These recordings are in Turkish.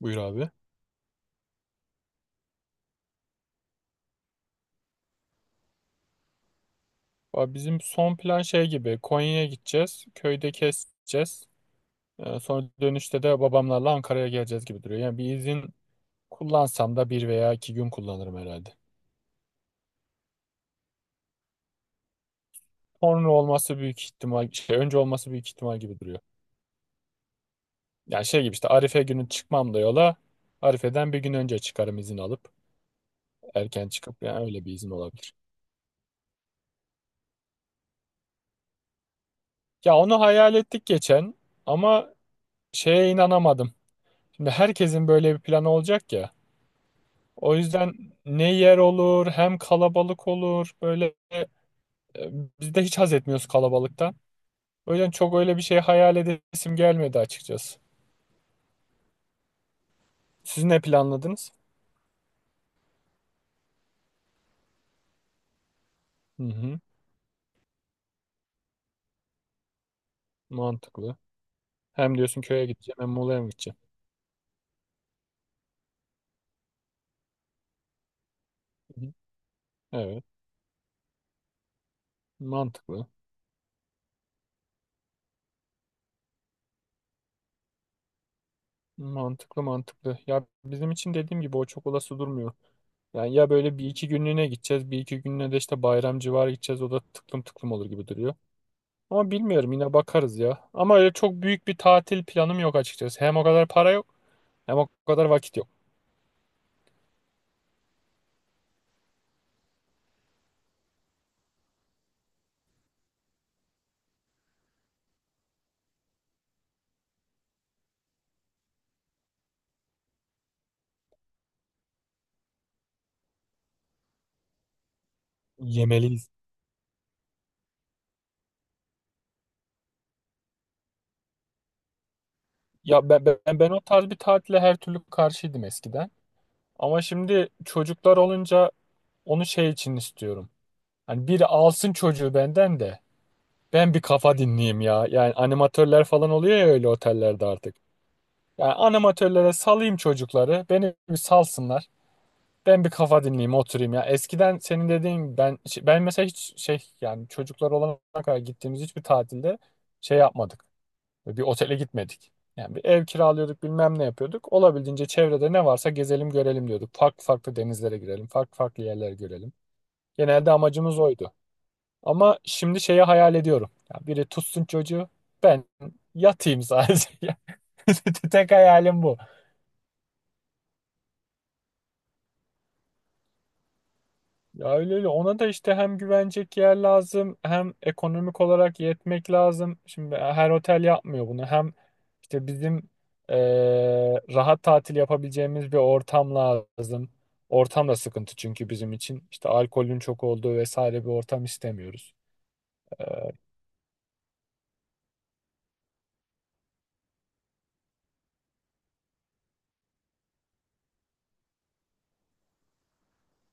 Buyur abi. Abi bizim son plan şey gibi Konya'ya gideceğiz. Köyde keseceğiz. Sonra dönüşte de babamlarla Ankara'ya geleceğiz gibi duruyor. Yani bir izin kullansam da bir veya iki gün kullanırım herhalde. Sonra olması büyük ihtimal, şey, önce olması büyük ihtimal gibi duruyor. Yani şey gibi işte Arife günü çıkmam da yola. Arife'den bir gün önce çıkarım izin alıp. Erken çıkıp yani öyle bir izin olabilir. Ya onu hayal ettik geçen ama şeye inanamadım. Şimdi herkesin böyle bir planı olacak ya. O yüzden ne yer olur hem kalabalık olur. Böyle e, biz de hiç haz etmiyoruz kalabalıktan. O yüzden çok öyle bir şey hayal edesim gelmedi açıkçası. Siz ne planladınız? Hı hı, mantıklı. Hem diyorsun köye gideceğim hem Muğla'ya mı gideceğim? Hı hı, evet, mantıklı. Mantıklı mantıklı. Ya bizim için dediğim gibi o çok olası durmuyor. Yani ya böyle bir iki günlüğüne gideceğiz. Bir iki günlüğüne de işte bayram civarı gideceğiz. O da tıklım tıklım olur gibi duruyor. Ama bilmiyorum yine bakarız ya. Ama öyle çok büyük bir tatil planım yok açıkçası. Hem o kadar para yok hem o kadar vakit yok. Yemeliyiz. Ya ben o tarz bir tatile her türlü karşıydım eskiden. Ama şimdi çocuklar olunca onu şey için istiyorum. Hani biri alsın çocuğu benden de ben bir kafa dinleyeyim ya. Yani animatörler falan oluyor ya öyle otellerde artık. Yani animatörlere salayım çocukları. Beni bir salsınlar. Ben bir kafa dinleyeyim, oturayım ya. Eskiden senin dediğin ben mesela hiç şey yani çocuklar olana kadar gittiğimiz hiçbir tatilde şey yapmadık. Böyle bir otele gitmedik. Yani bir ev kiralıyorduk, bilmem ne yapıyorduk. Olabildiğince çevrede ne varsa gezelim, görelim diyorduk. Farklı farklı denizlere girelim, farklı farklı yerlere görelim. Genelde amacımız oydu. Ama şimdi şeyi hayal ediyorum. Ya biri tutsun çocuğu, ben yatayım sadece. Tek hayalim bu. Ya öyle öyle ona da işte hem güvenecek yer lazım hem ekonomik olarak yetmek lazım. Şimdi her otel yapmıyor bunu. Hem işte bizim rahat tatil yapabileceğimiz bir ortam lazım. Ortam da sıkıntı çünkü bizim için. İşte alkolün çok olduğu vesaire bir ortam istemiyoruz. Eee,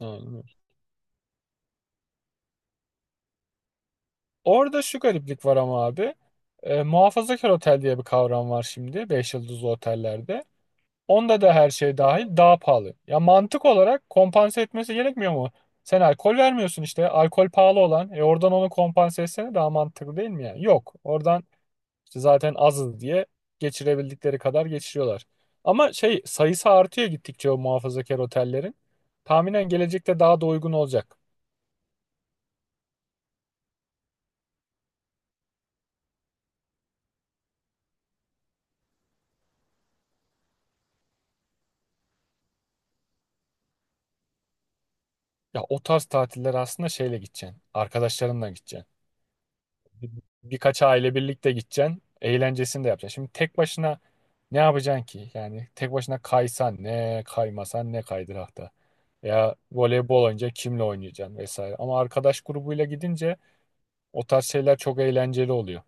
Aynen öyle. Orada şu gariplik var ama abi. Muhafazakar otel diye bir kavram var şimdi 5 yıldızlı otellerde. Onda da her şey dahil daha pahalı. Ya mantık olarak kompanse etmesi gerekmiyor mu? Sen alkol vermiyorsun işte. Alkol pahalı olan. Oradan onu kompanse etsene daha mantıklı değil mi yani? Yok. Oradan işte zaten azız diye geçirebildikleri kadar geçiriyorlar. Ama şey sayısı artıyor gittikçe o muhafazakar otellerin. Tahminen gelecekte daha da uygun olacak. Ya o tarz tatiller aslında şeyle gideceksin. Arkadaşlarınla gideceksin. Birkaç aile birlikte gideceksin. Eğlencesini de yapacaksın. Şimdi tek başına ne yapacaksın ki? Yani tek başına kaysan ne, kaymasan ne kaydırakta. Ya voleybol oynayınca kimle oynayacaksın vesaire. Ama arkadaş grubuyla gidince o tarz şeyler çok eğlenceli oluyor.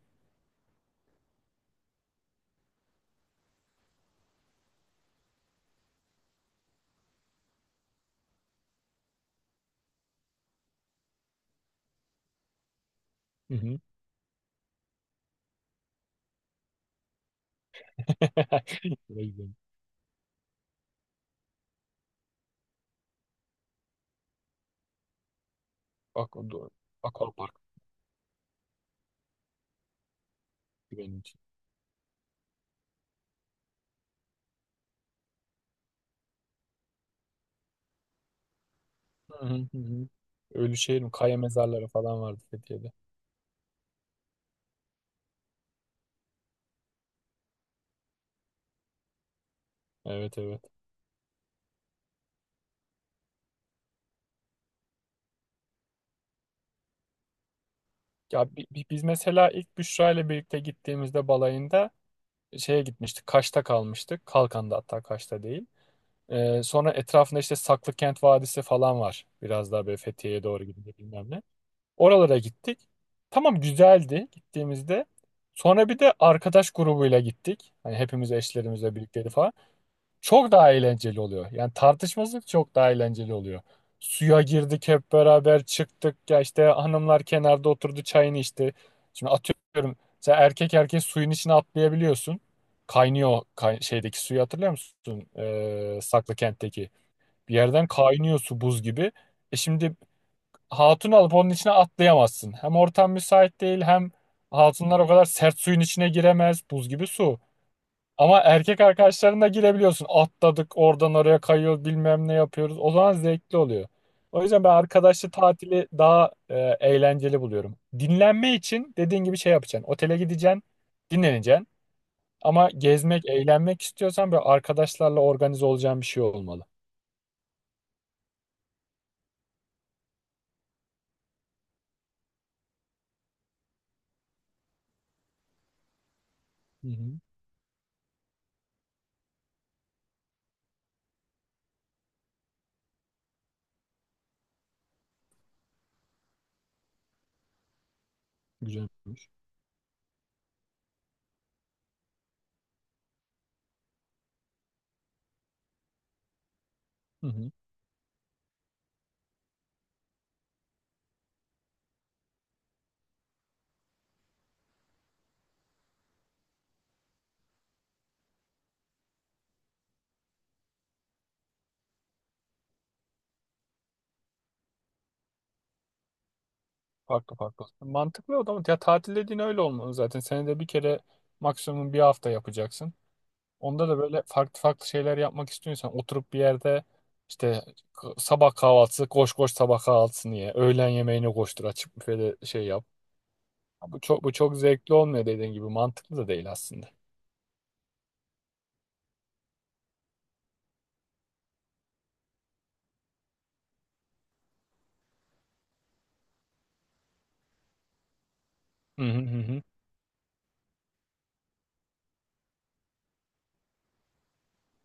Hı hı. Şuraya gidelim. Bak o doğru. Aquapark benim için. Hı hı hı. hı. Ölüşehir'in kaya mezarları falan vardı Fethiye'de. Evet evet. Ya biz mesela ilk Büşra ile birlikte gittiğimizde balayında şeye gitmiştik. Kaş'ta kalmıştık. Kalkan'da hatta Kaş'ta değil. Sonra etrafında işte Saklıkent Vadisi falan var. Biraz daha böyle Fethiye'ye doğru gidince bilmem ne. Oralara gittik. Tamam güzeldi gittiğimizde. Sonra bir de arkadaş grubuyla gittik. Hani hepimiz eşlerimizle birlikteydi falan çok daha eğlenceli oluyor. Yani tartışması çok daha eğlenceli oluyor. Suya girdik hep beraber çıktık ya işte hanımlar kenarda oturdu çayını içti. Şimdi atıyorum sen erkek erkeğe suyun içine atlayabiliyorsun. Kaynıyor şeydeki suyu hatırlıyor musun? Saklıkent'teki. Bir yerden kaynıyor su buz gibi. Şimdi hatun alıp onun içine atlayamazsın. Hem ortam müsait değil hem hatunlar o kadar sert suyun içine giremez buz gibi su. Ama erkek arkadaşlarına girebiliyorsun. Atladık oradan oraya kayıyoruz bilmem ne yapıyoruz. O zaman zevkli oluyor. O yüzden ben arkadaşlı tatili daha eğlenceli buluyorum. Dinlenme için dediğin gibi şey yapacaksın. Otele gideceksin, dinleneceksin. Ama gezmek, eğlenmek istiyorsan böyle arkadaşlarla organize olacağın bir şey olmalı. Hı hı, güzelmiş. Hı hı, farklı farklı. Mantıklı o zaman. Ya tatil dediğin öyle olmalı zaten. Senede bir kere maksimum bir hafta yapacaksın. Onda da böyle farklı farklı şeyler yapmak istiyorsan oturup bir yerde işte sabah kahvaltısı koş koş sabah kahvaltısını ye. Öğlen yemeğini koştur açık büfede şey yap. Bu çok zevkli olmuyor dediğin gibi mantıklı da değil aslında. Hı hı hı. hı.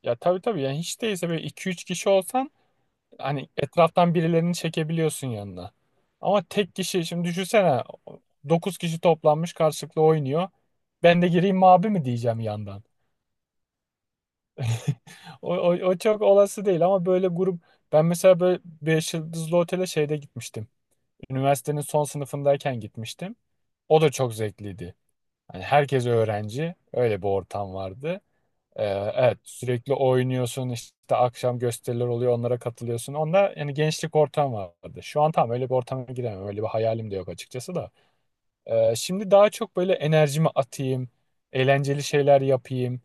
Ya tabii tabii yani hiç değilse böyle 2-3 kişi olsan hani etraftan birilerini çekebiliyorsun yanına. Ama tek kişi şimdi düşünsene 9 kişi toplanmış karşılıklı oynuyor. Ben de gireyim mi abi mi diyeceğim yandan. O çok olası değil ama böyle grup ben mesela böyle 5 yıldızlı otele şeyde gitmiştim. Üniversitenin son sınıfındayken gitmiştim. O da çok zevkliydi. Hani herkes öğrenci. Öyle bir ortam vardı. Ee, evet, sürekli oynuyorsun işte akşam gösteriler oluyor onlara katılıyorsun. Onda yani gençlik ortam vardı. Şu an tam öyle bir ortama giremem. Öyle bir hayalim de yok açıkçası da. Şimdi daha çok böyle enerjimi atayım. Eğlenceli şeyler yapayım.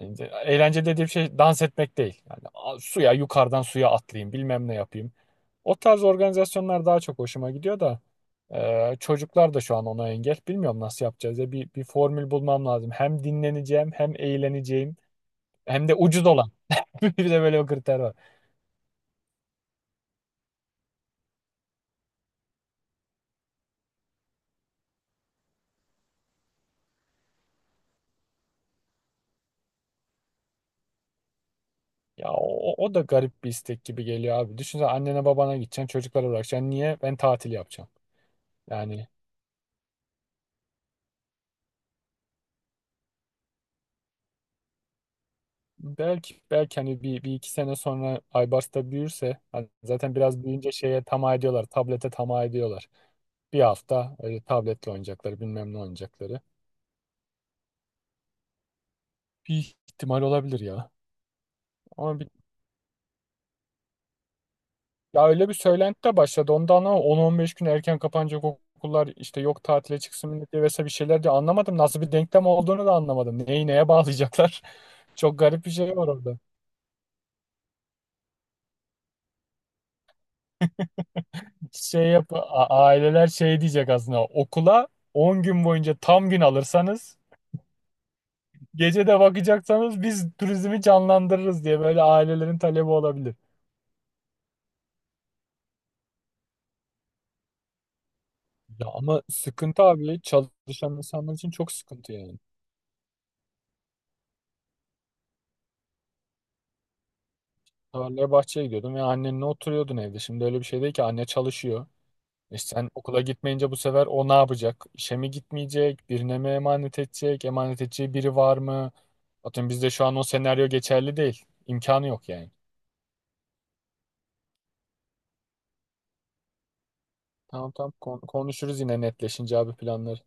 Yani eğlence dediğim şey dans etmek değil. Yani suya yukarıdan suya atlayayım bilmem ne yapayım. O tarz organizasyonlar daha çok hoşuma gidiyor da çocuklar da şu an ona engel. Bilmiyorum nasıl yapacağız ya bir formül bulmam lazım. Hem dinleneceğim hem eğleneceğim hem de ucuz olan. Bir de böyle bir kriter var. Ya o da garip bir istek gibi geliyor abi. Düşünsene annene babana gideceksin çocuklara bırakacaksın. Niye? Ben tatil yapacağım. Yani belki belki hani bir iki sene sonra Aybars'ta büyürse hani zaten biraz büyüyünce şeye tamah ediyorlar. Tablete tamah ediyorlar. Bir hafta öyle tabletle oynayacakları bilmem ne oynayacakları. Bir ihtimal olabilir ya. Ama ya öyle bir söylenti de başladı. Ondan ama 10-15 gün erken kapanacak okullar işte yok tatile çıksın millet diye vesaire bir şeyler diye anlamadım. Nasıl bir denklem olduğunu da anlamadım. Neyi neye bağlayacaklar? Çok garip bir şey var orada. Şey yap aileler şey diyecek aslında okula 10 gün boyunca tam gün alırsanız gece de bakacaksanız biz turizmi canlandırırız diye böyle ailelerin talebi olabilir. Ya ama sıkıntı abi çalışan insanlar için çok sıkıntı yani. Tarlaya bahçeye gidiyordum ve annenle oturuyordun evde. Şimdi öyle bir şey değil ki anne çalışıyor. Sen okula gitmeyince bu sefer o ne yapacak? İşe mi gitmeyecek? Birine mi emanet edecek? Emanet edeceği biri var mı? Atıyorum bizde şu an o senaryo geçerli değil. İmkanı yok yani. Tamam tamam konuşuruz yine netleşince abi planları.